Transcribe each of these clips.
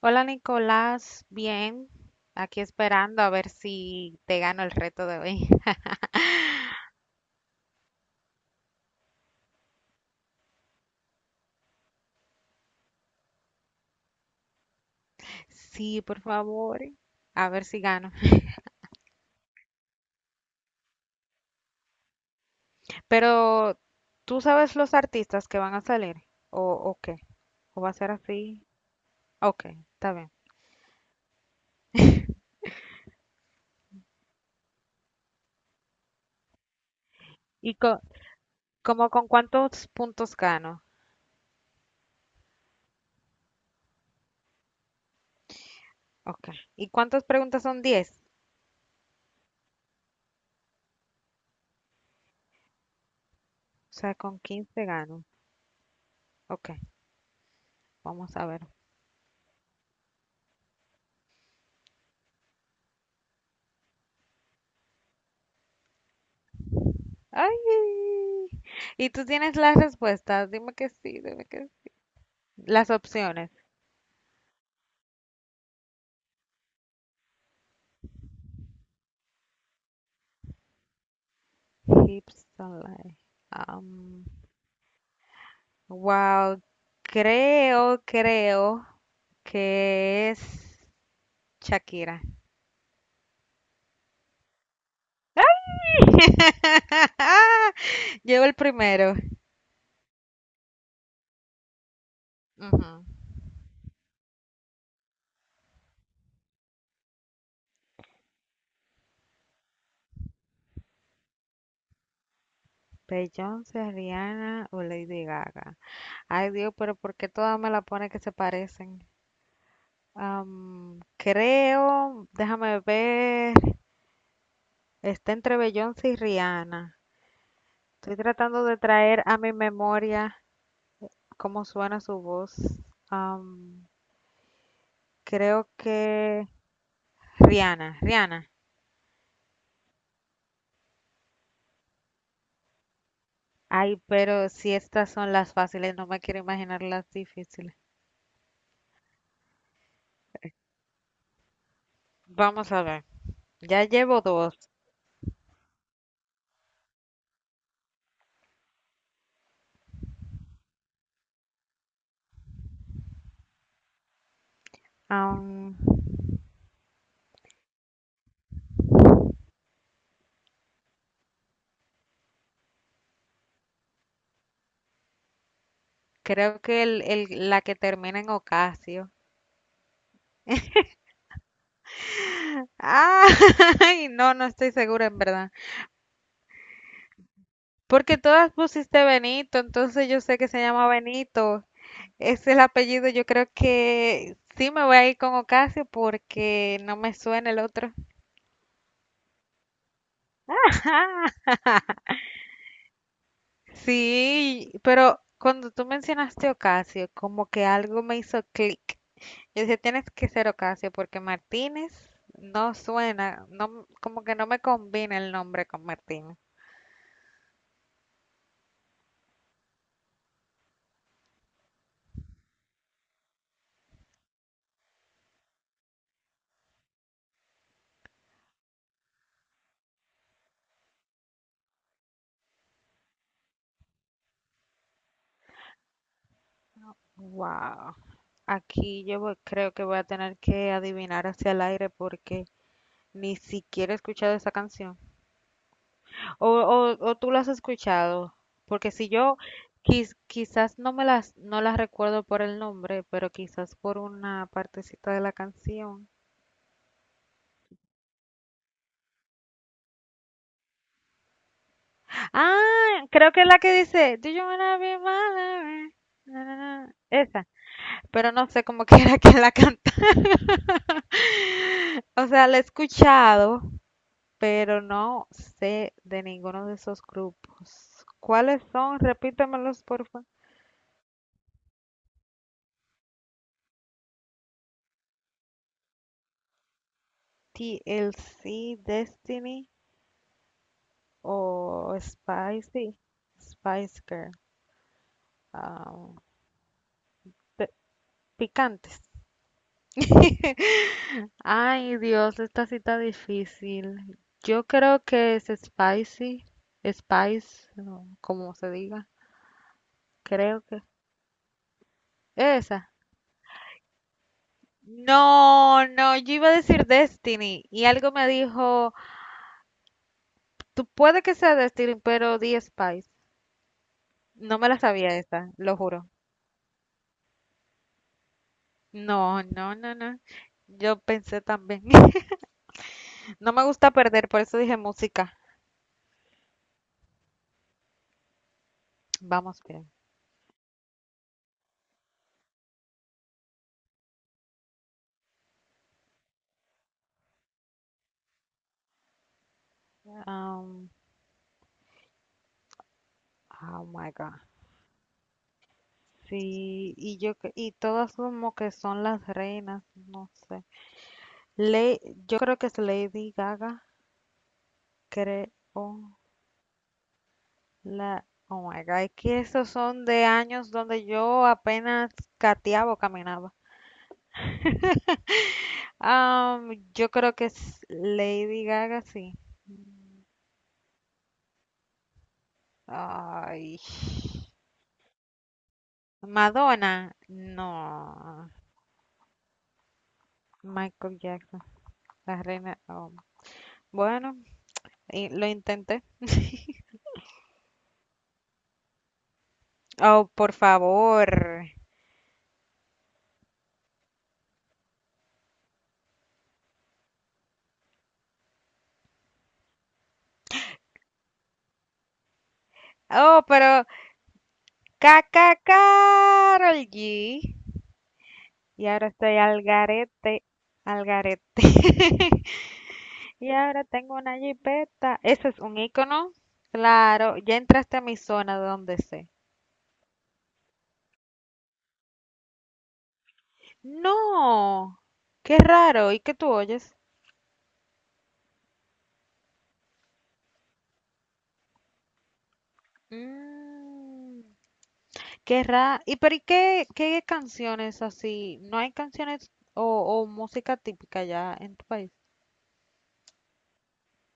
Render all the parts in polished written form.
Hola Nicolás, bien, aquí esperando a ver si te gano el reto de hoy. Sí, por favor, a ver si gano. Pero, ¿tú sabes los artistas que van a salir? ¿O qué? ¿O va a ser así? Ok, está bien. ¿Y como con cuántos puntos gano? Ok. ¿Y cuántas preguntas son 10? O sea, con 15 gano. Ok, vamos a ver. ¡Ay! ¿Y tú tienes las respuestas? Dime que sí, dime que sí. Las opciones. Hips Don't Lie. Am, wow, creo que es Shakira. Llevo el primero. Ujú. Beyoncé, Rihanna o Lady Gaga. Ay Dios, pero ¿por qué todas me la pone que se parecen? Creo, déjame ver, está entre Beyoncé y Rihanna. Estoy tratando de traer a mi memoria cómo suena su voz. Am, Creo que Rihanna, Rihanna. Ay, pero si estas son las fáciles, no me quiero imaginar las difíciles. Vamos a ver. Ya llevo dos. Am, creo que la que termina en Ocasio. Ah, Ay, no, no estoy segura en verdad. Porque todas pusiste Benito, entonces yo sé que se llama Benito. Ese es el apellido. Yo creo que sí me voy a ir con Ocasio porque no me suena el otro. Sí, pero cuando tú mencionaste Ocasio, como que algo me hizo clic. Yo dije, tienes que ser Ocasio porque Martínez no suena, no, como que no me combina el nombre con Martínez. Wow. Creo que voy a tener que adivinar hacia el aire porque ni siquiera he escuchado esa canción. O tú la has escuchado, porque si yo quizás no las recuerdo por el nombre, pero quizás por una partecita de la canción. Ah, creo que es la que dice, Do you wanna be my lover? Na, na, na. Esa, pero no sé cómo que era que la canta. O sea, la he escuchado, pero no sé de ninguno de esos grupos. ¿Cuáles son? Repítemelos, por favor. TLC, Destiny o Spicy, Spice Girl. Ah, pe- picantes. Ay, Dios, esta cita difícil. Yo creo que es Spicy, Spice, no, como se diga. Creo que esa. No, no, yo iba a decir Destiny y algo me dijo, tú puede que sea Destiny, pero di Spice. No me la sabía esa, lo juro. No, no, no, no. Yo pensé también. No me gusta perder, por eso dije música. Vamos bien. Um, oh my God. Sí, y y todas como que son las reinas, no sé. Le, yo creo que es Lady Gaga, creo la Oh my God, es que esos son de años donde yo apenas gateaba o caminaba. Yo creo que es Lady Gaga, sí. Ay. Madonna, no. Michael Jackson, la reina. Oh, bueno, y lo intenté. Oh, por favor. Oh, pero Caca Carol G. Y ahora estoy al garete, al garete. Y ahora tengo una jipeta. Eso es un icono. Claro, ya entraste a mi zona de donde sé. No, qué raro. ¿Y qué tú oyes? Mm, qué raro. ¿Y pero qué canciones así? ¿No hay canciones o música típica ya en tu país?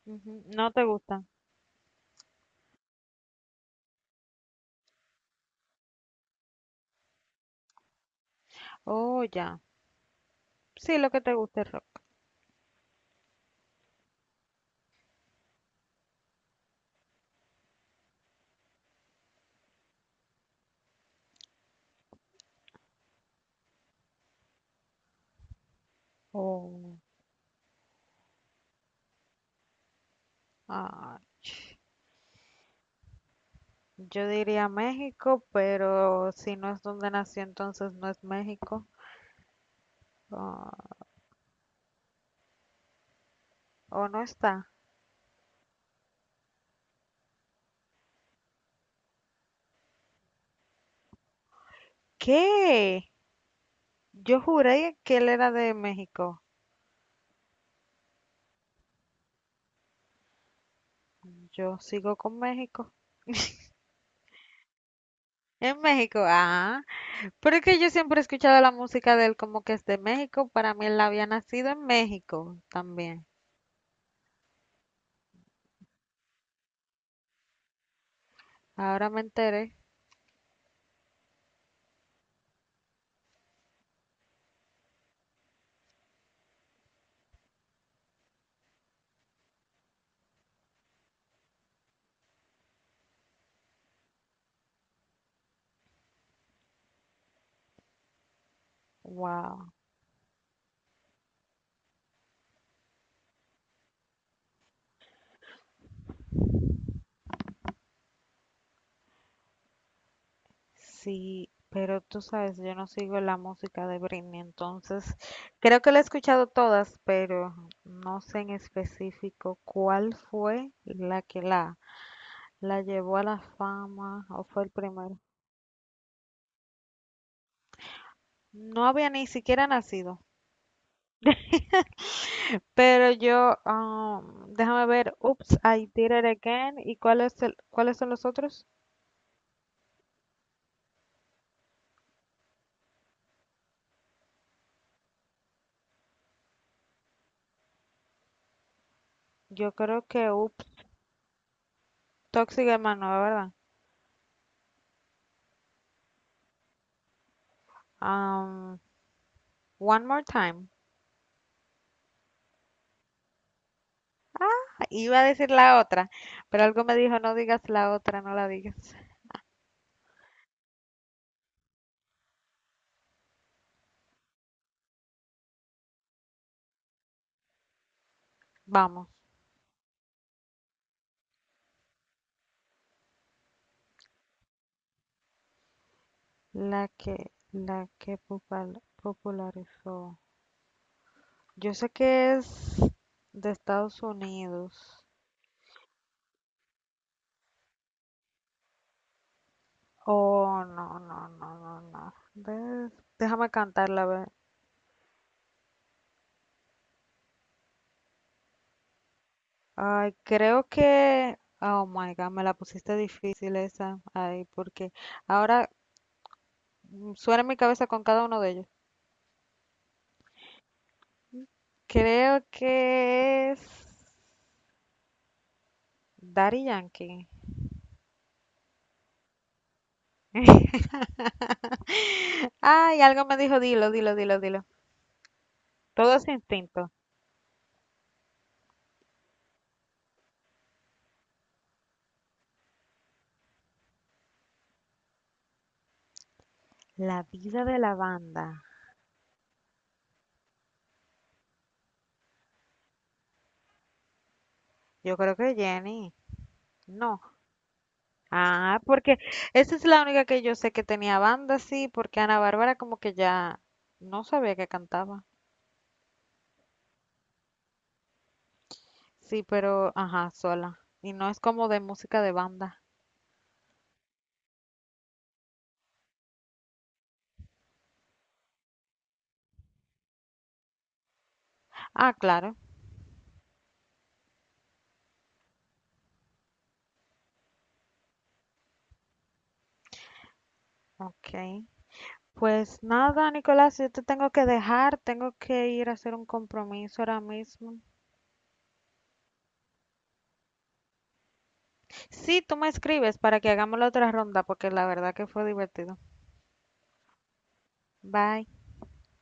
Ujú, no te gustan. Oh, ya. Sí, lo que te gusta es rock. Oh. Ah, yo diría México, pero si no es donde nació, entonces no es México. Ah, o no está. ¿Qué? Yo juré que él era de México. Yo sigo con México. En México, ah. Pero es que yo siempre he escuchado la música de él como que es de México. Para mí él había nacido en México también. Ahora me enteré. Wow. Sí, pero tú sabes, yo no sigo la música de Britney, entonces creo que la he escuchado todas, pero no sé en específico cuál fue la llevó a la fama o fue el primero. No había ni siquiera nacido, pero yo, ah, déjame ver, Oops, I Did It Again, ¿y cuál es cuáles son los otros? Yo creo que Oops, Toxic Hermano, ¿verdad? Um, One More Time. Iba a decir la otra, pero algo me dijo, no digas la otra, no la digas. Vamos, la que popularizó. Yo sé que es de Estados Unidos. Oh, no, no, no, no, no. Déjame cantarla, a ver. Ay, creo que... Oh my God, me la pusiste difícil esa. Ay, porque ahora suena en mi cabeza con cada uno de ellos. Creo que es Daddy Yankee. Ay, algo me dijo, dilo, dilo, dilo, dilo. Todo es instinto. La vida de la banda. Yo creo que Jenny. No. Ah, porque esa es la única que yo sé que tenía banda, sí, porque Ana Bárbara como que ya no sabía que cantaba. Sí, pero, ajá, sola. Y no es como de música de banda. Ah, claro. Ok. Pues nada, Nicolás, yo te tengo que dejar, tengo que ir a hacer un compromiso ahora mismo. Sí, tú me escribes para que hagamos la otra ronda porque la verdad que fue divertido. Bye.